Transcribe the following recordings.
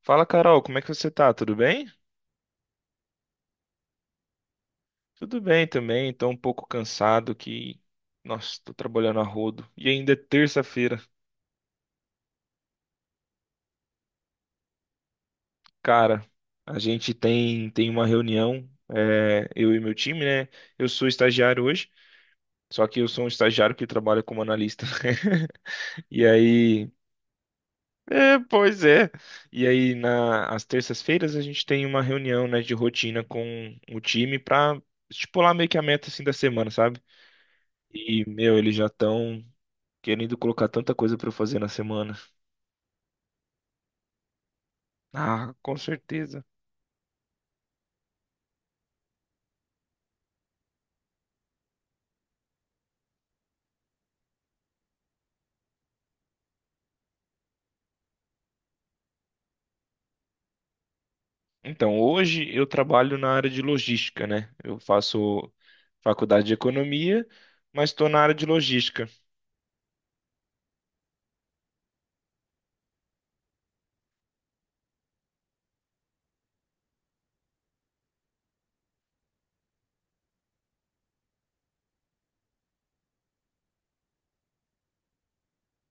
Fala, Carol, como é que você tá? Tudo bem? Tudo bem também, tô um pouco cansado nossa, tô trabalhando a rodo. E ainda é terça-feira. Cara, a gente tem uma reunião, é, eu e meu time, né? Eu sou estagiário hoje, só que eu sou um estagiário que trabalha como analista. E aí, é, pois é. E aí, às terças-feiras, a gente tem uma reunião, né, de rotina com o time pra estipular meio que a meta, assim, da semana, sabe? E, meu, eles já estão querendo colocar tanta coisa para eu fazer na semana. Ah, com certeza. Então, hoje eu trabalho na área de logística, né? Eu faço faculdade de economia, mas estou na área de logística.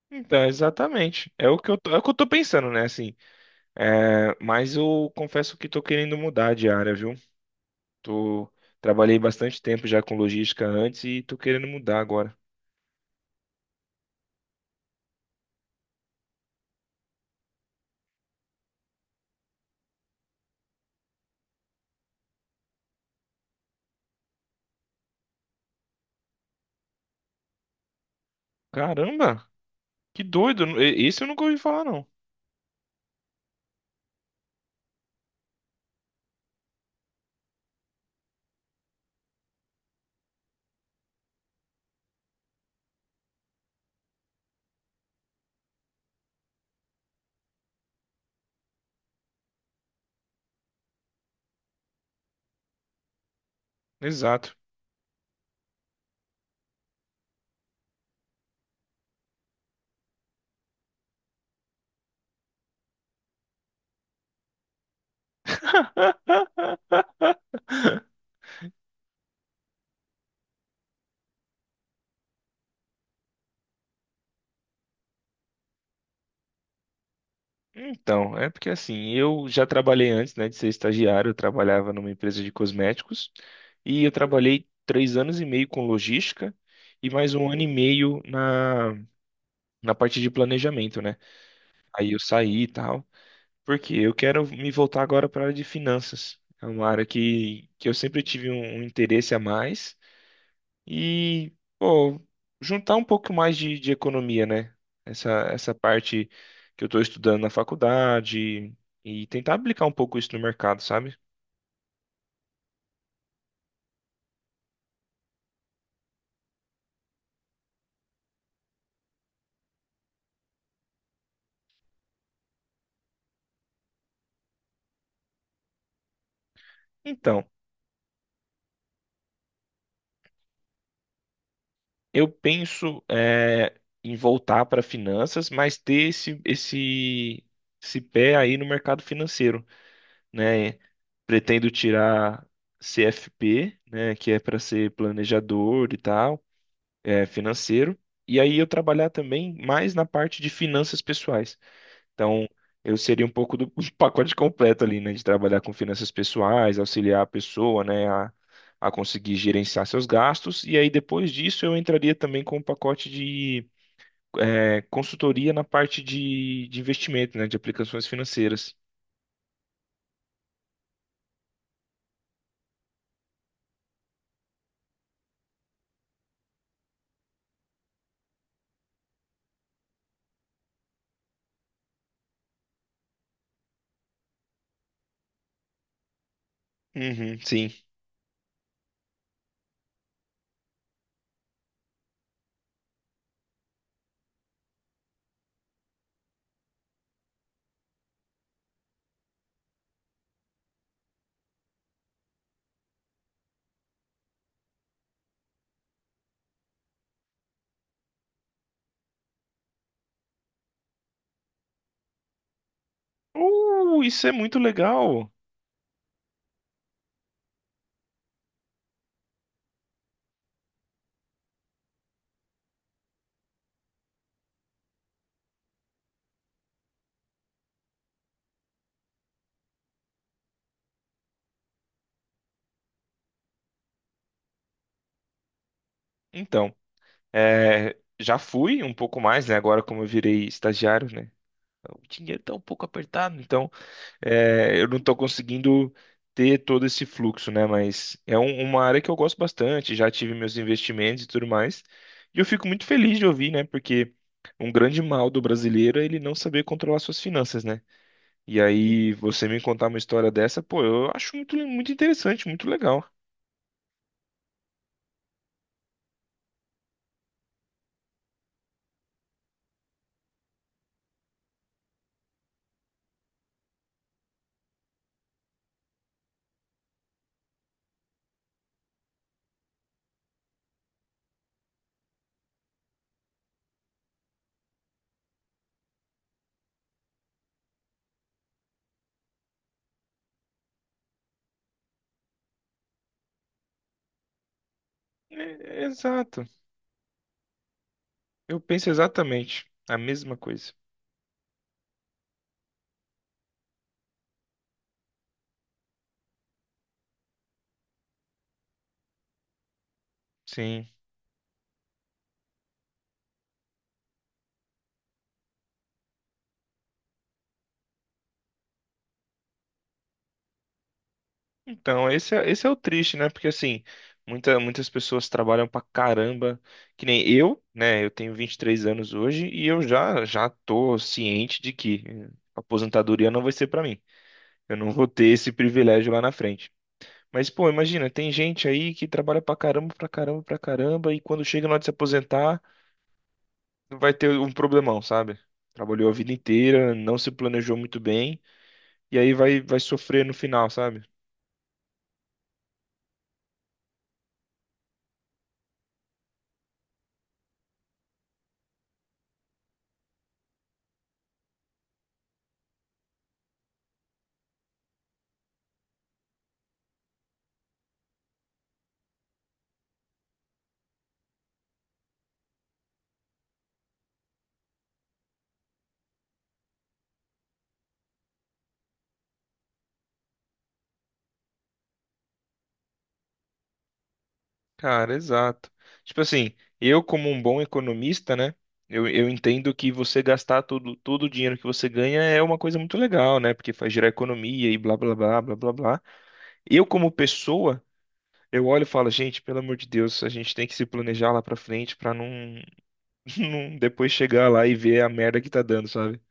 Então, exatamente. É o que eu tô pensando, né? Assim, é, mas eu confesso que estou querendo mudar de área, viu? Tô, trabalhei bastante tempo já com logística antes e tô querendo mudar agora. Caramba, que doido! Esse eu nunca ouvi falar, não. Exato. Então, é porque assim, eu já trabalhei antes, né, de ser estagiário, eu trabalhava numa empresa de cosméticos e eu trabalhei 3 anos e meio com logística e mais 1 ano e meio na parte de planejamento, né? Aí eu saí e tal, porque eu quero me voltar agora para a área de finanças. É uma área que eu sempre tive um interesse a mais e, pô, juntar um pouco mais de economia, né? Essa parte que eu estou estudando na faculdade e tentar aplicar um pouco isso no mercado, sabe? Então, eu penso é, em voltar para finanças, mas ter esse pé aí no mercado financeiro, né? Pretendo tirar CFP, né? Que é para ser planejador e tal, é, financeiro. E aí eu trabalhar também mais na parte de finanças pessoais. Então, eu seria um pouco do do pacote completo ali, né? De trabalhar com finanças pessoais, auxiliar a pessoa, né, a conseguir gerenciar seus gastos. E aí, depois disso, eu entraria também com um pacote de é, consultoria na parte de investimento, né? De aplicações financeiras. Uhum, sim. Isso é muito legal. Então, é, já fui um pouco mais, né? Agora, como eu virei estagiário, né? O dinheiro tá um pouco apertado, então é, eu não estou conseguindo ter todo esse fluxo, né? Mas é uma área que eu gosto bastante, já tive meus investimentos e tudo mais. E eu fico muito feliz de ouvir, né? Porque um grande mal do brasileiro é ele não saber controlar suas finanças, né? E aí você me contar uma história dessa, pô, eu acho muito, muito interessante, muito legal. É, é exato. Eu penso exatamente a mesma coisa. Sim. Então, esse é o triste, né? Porque assim, muitas pessoas trabalham pra caramba, que nem eu, né? Eu tenho 23 anos hoje e eu já tô ciente de que eh, aposentadoria não vai ser pra mim. Eu não vou ter esse privilégio lá na frente. Mas, pô, imagina, tem gente aí que trabalha pra caramba, pra caramba, pra caramba, e quando chega na hora de se aposentar, vai ter um problemão, sabe? Trabalhou a vida inteira, não se planejou muito bem, e aí vai sofrer no final, sabe? Cara, exato. Tipo assim, eu como um bom economista, né? Eu entendo que você gastar tudo, todo o dinheiro que você ganha é uma coisa muito legal, né? Porque faz gerar economia e blá blá blá blá blá blá. Eu como pessoa, eu olho e falo, gente, pelo amor de Deus, a gente tem que se planejar lá pra frente pra não, não depois chegar lá e ver a merda que tá dando, sabe?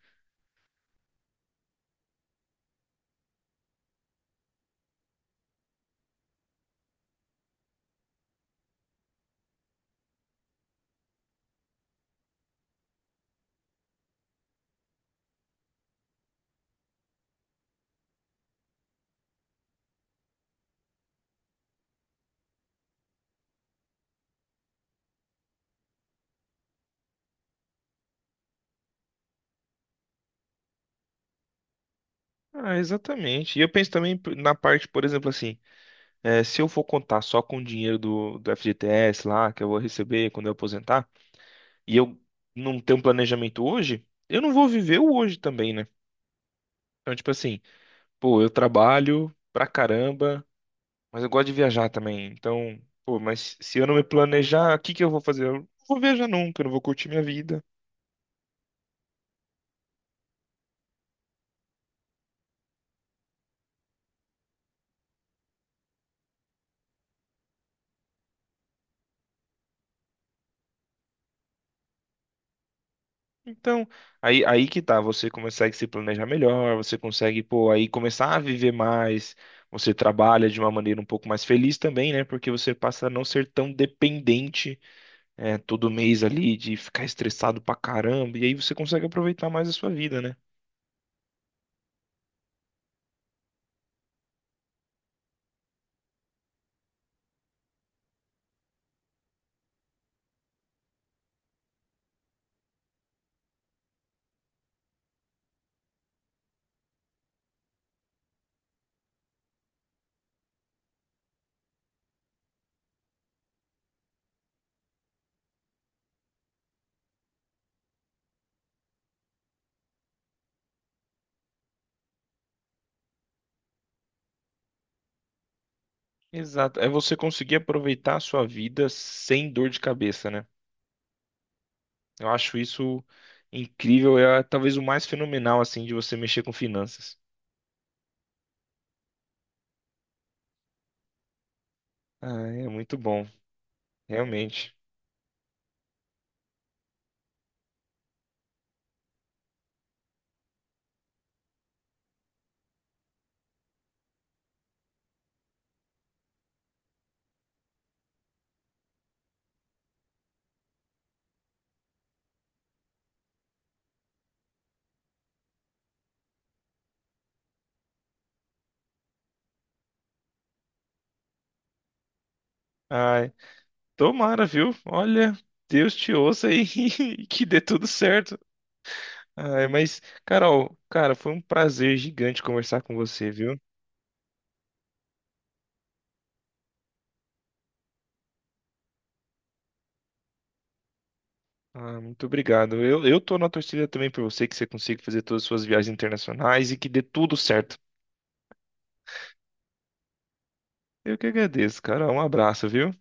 Ah, exatamente. E eu penso também na parte, por exemplo, assim, eh, se eu for contar só com o dinheiro do FGTS lá, que eu vou receber quando eu aposentar, e eu não tenho um planejamento hoje, eu não vou viver o hoje também, né? Então, tipo assim, pô, eu trabalho pra caramba, mas eu gosto de viajar também. Então, pô, mas se eu não me planejar, o que que eu vou fazer? Eu não vou viajar nunca, eu não vou curtir minha vida. Então, aí que tá, você consegue se planejar melhor, você consegue, pô, aí começar a viver mais, você trabalha de uma maneira um pouco mais feliz também, né? Porque você passa a não ser tão dependente é, todo mês ali, de ficar estressado pra caramba, e aí você consegue aproveitar mais a sua vida, né? Exato. É você conseguir aproveitar a sua vida sem dor de cabeça, né? Eu acho isso incrível, é talvez o mais fenomenal, assim, de você mexer com finanças. Ah, é muito bom, realmente. Ai, tomara, viu? Olha, Deus te ouça aí e que dê tudo certo. Ai, mas, Carol, cara, foi um prazer gigante conversar com você, viu? Ah, muito obrigado. Eu tô na torcida também por você, que você consiga fazer todas as suas viagens internacionais e que dê tudo certo. Eu que agradeço, cara. Um abraço, viu?